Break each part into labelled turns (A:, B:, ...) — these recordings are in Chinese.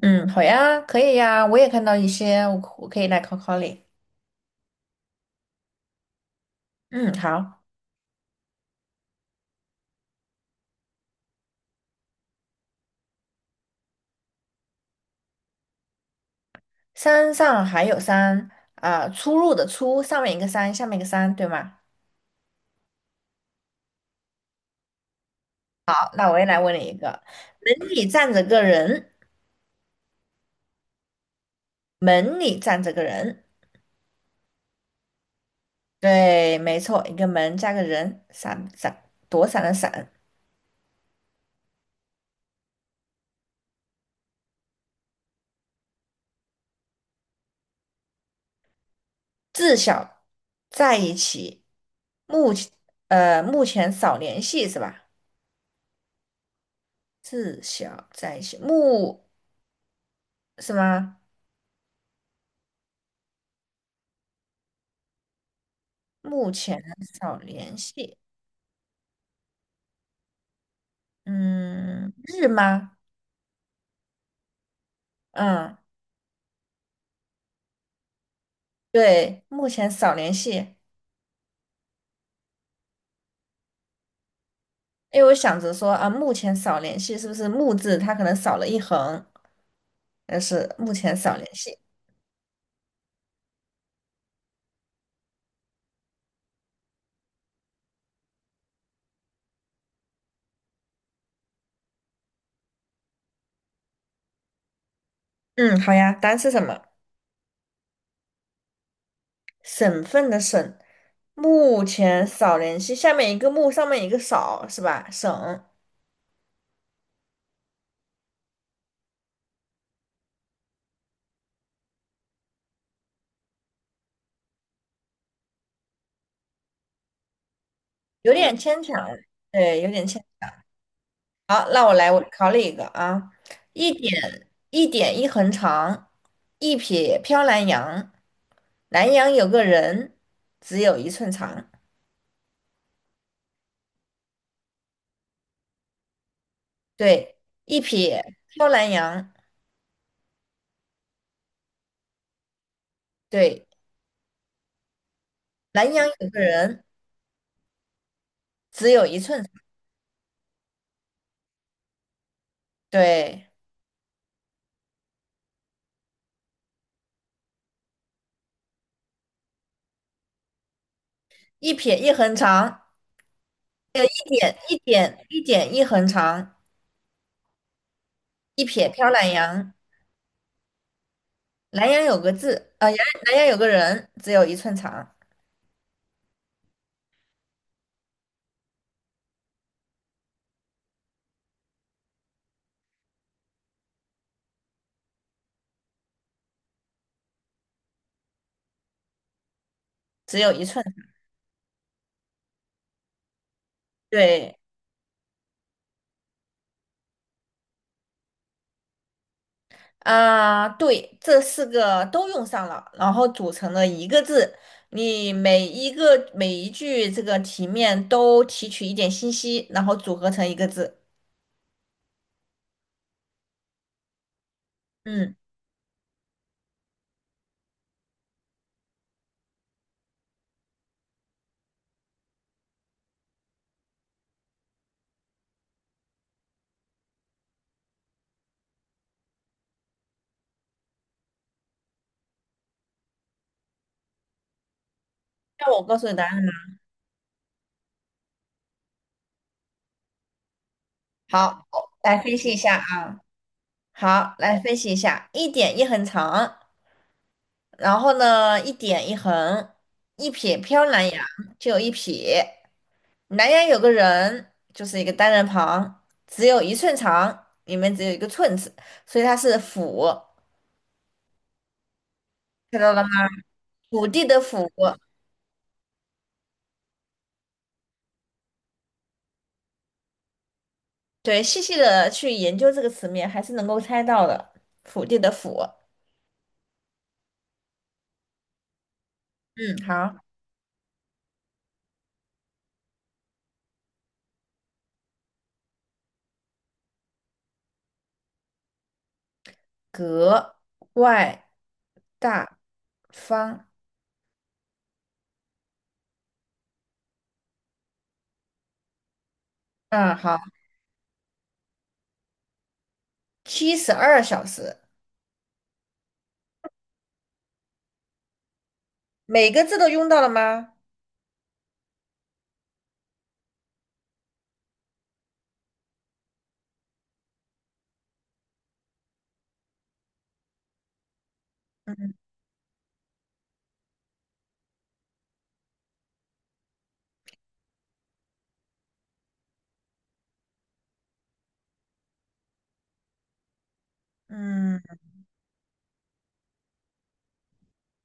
A: 嗯，好呀，可以呀，我也看到一些，我可以来考考你。嗯，好，山上还有山啊，出入的出，上面一个山，下面一个山，对吗？好，那我也来问你一个，门里站着个人，门里站着个人，对，没错，一个门加个人，闪闪躲闪的闪，自小在一起，目前目前少联系是吧？自小在一起，目是吗？目前少联系，嗯，日吗？嗯，对，目前少联系，因为我想着说啊，目前少联系是不是木字它可能少了一横，但是目前少联系。嗯，好呀，单是什么？省份的省，目前少联系，下面一个木，上面一个少，是吧？省，有点牵强，对，有点牵。好，那我考你一个啊，一点一点一横长，一撇飘南洋。南洋有个人，只有一寸长。对，一撇飘南洋。对，南洋有个人，只有一寸长。对，一撇一横长，一点一点一点一横长，一撇飘南洋。南洋有个字，啊，南洋有个人，只有一寸长，只有一寸。对。啊，对，这四个都用上了，然后组成了一个字。你每一个每一句这个题面都提取一点信息，然后组合成一个字。嗯，那我告诉你答案吧。好，来分析一下啊。好，来分析一下，一点一横长。然后呢，一点一横，一撇飘南阳，就有一撇。南阳有个人，就是一个单人旁，只有一寸长，里面只有一个寸字，所以它是府，看到了吗？府地的府，对，细细的去研究这个词面，还是能够猜到的。府地的府，嗯，好，格外大方。嗯，好，七十二小时，每个字都用到了吗？嗯嗯。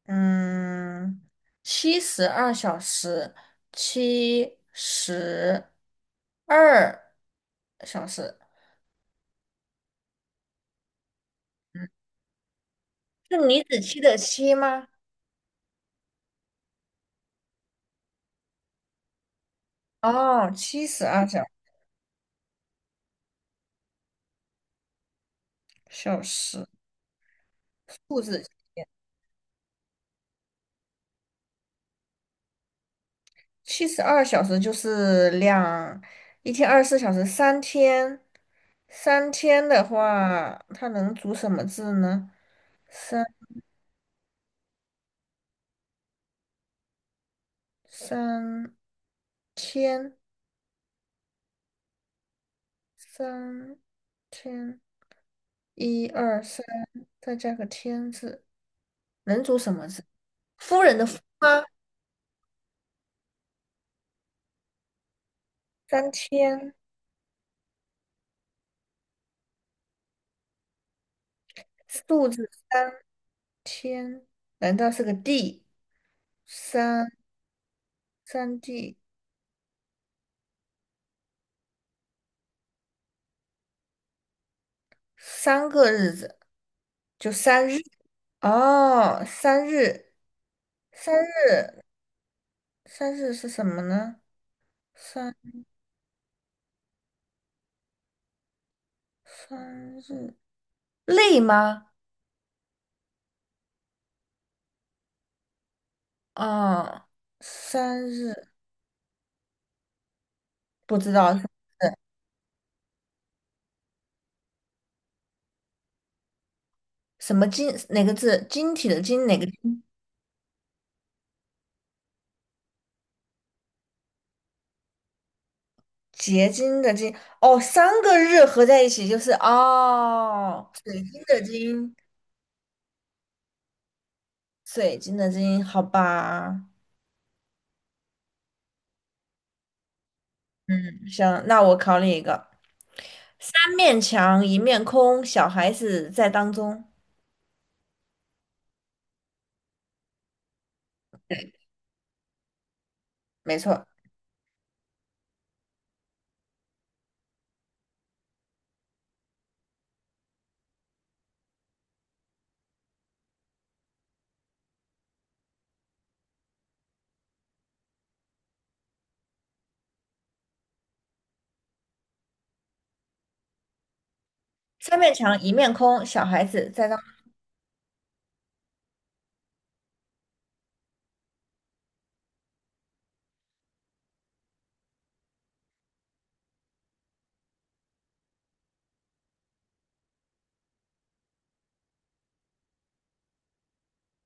A: 嗯，七十二小时，七十二小时，是李子柒的柒吗？哦，七十二小时，兔子七十二小时就是两，一天24小时，三天，三天的话，它能组什么字呢？三三天，三天，一二三，再加个天字。能组什么字？夫人的夫吗？三天数字三天，难道是个地？三三地，三个日子，就三日。哦，三日，三日，三日是什么呢？三三日，累吗？哦，三日，不知道是什么金哪个字？晶体的晶哪个金？结晶的晶，哦，三个日合在一起就是哦，水晶的晶，水晶的晶，好吧。行，那我考你一个：三面墙，一面空，小孩子在当中。没错，三面墙，一面空，小孩子在当中，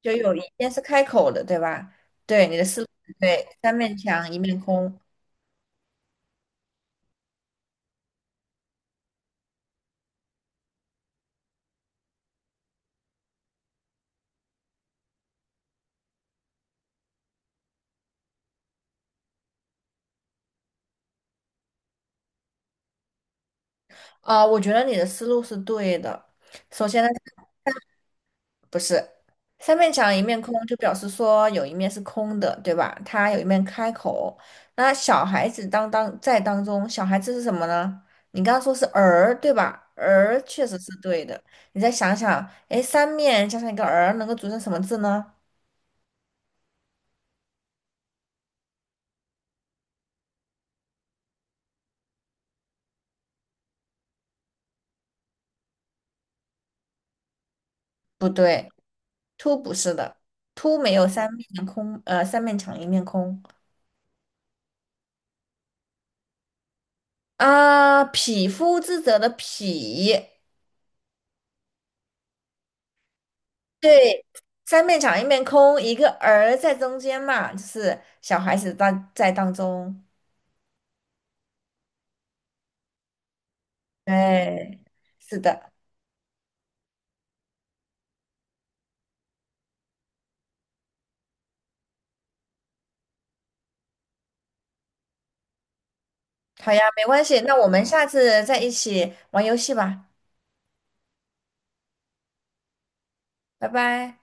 A: 就有一边是开口的，对吧？对，你的思路是对，三面墙，一面空。啊、我觉得你的思路是对的。首先呢。不是，三面墙一面空，就表示说有一面是空的，对吧？它有一面开口。那小孩子当在当中，小孩子是什么呢？你刚刚说是儿，对吧？儿确实是对的。你再想想，哎，三面加上一个儿，能够组成什么字呢？不对，凸不是的，凸没有三面空，三面墙一面空啊。匹夫之责的匹，对，三面墙一面空，一个儿在中间嘛，就是小孩子当在当中。对，是的，好呀，没关系，那我们下次再一起玩游戏吧，拜拜。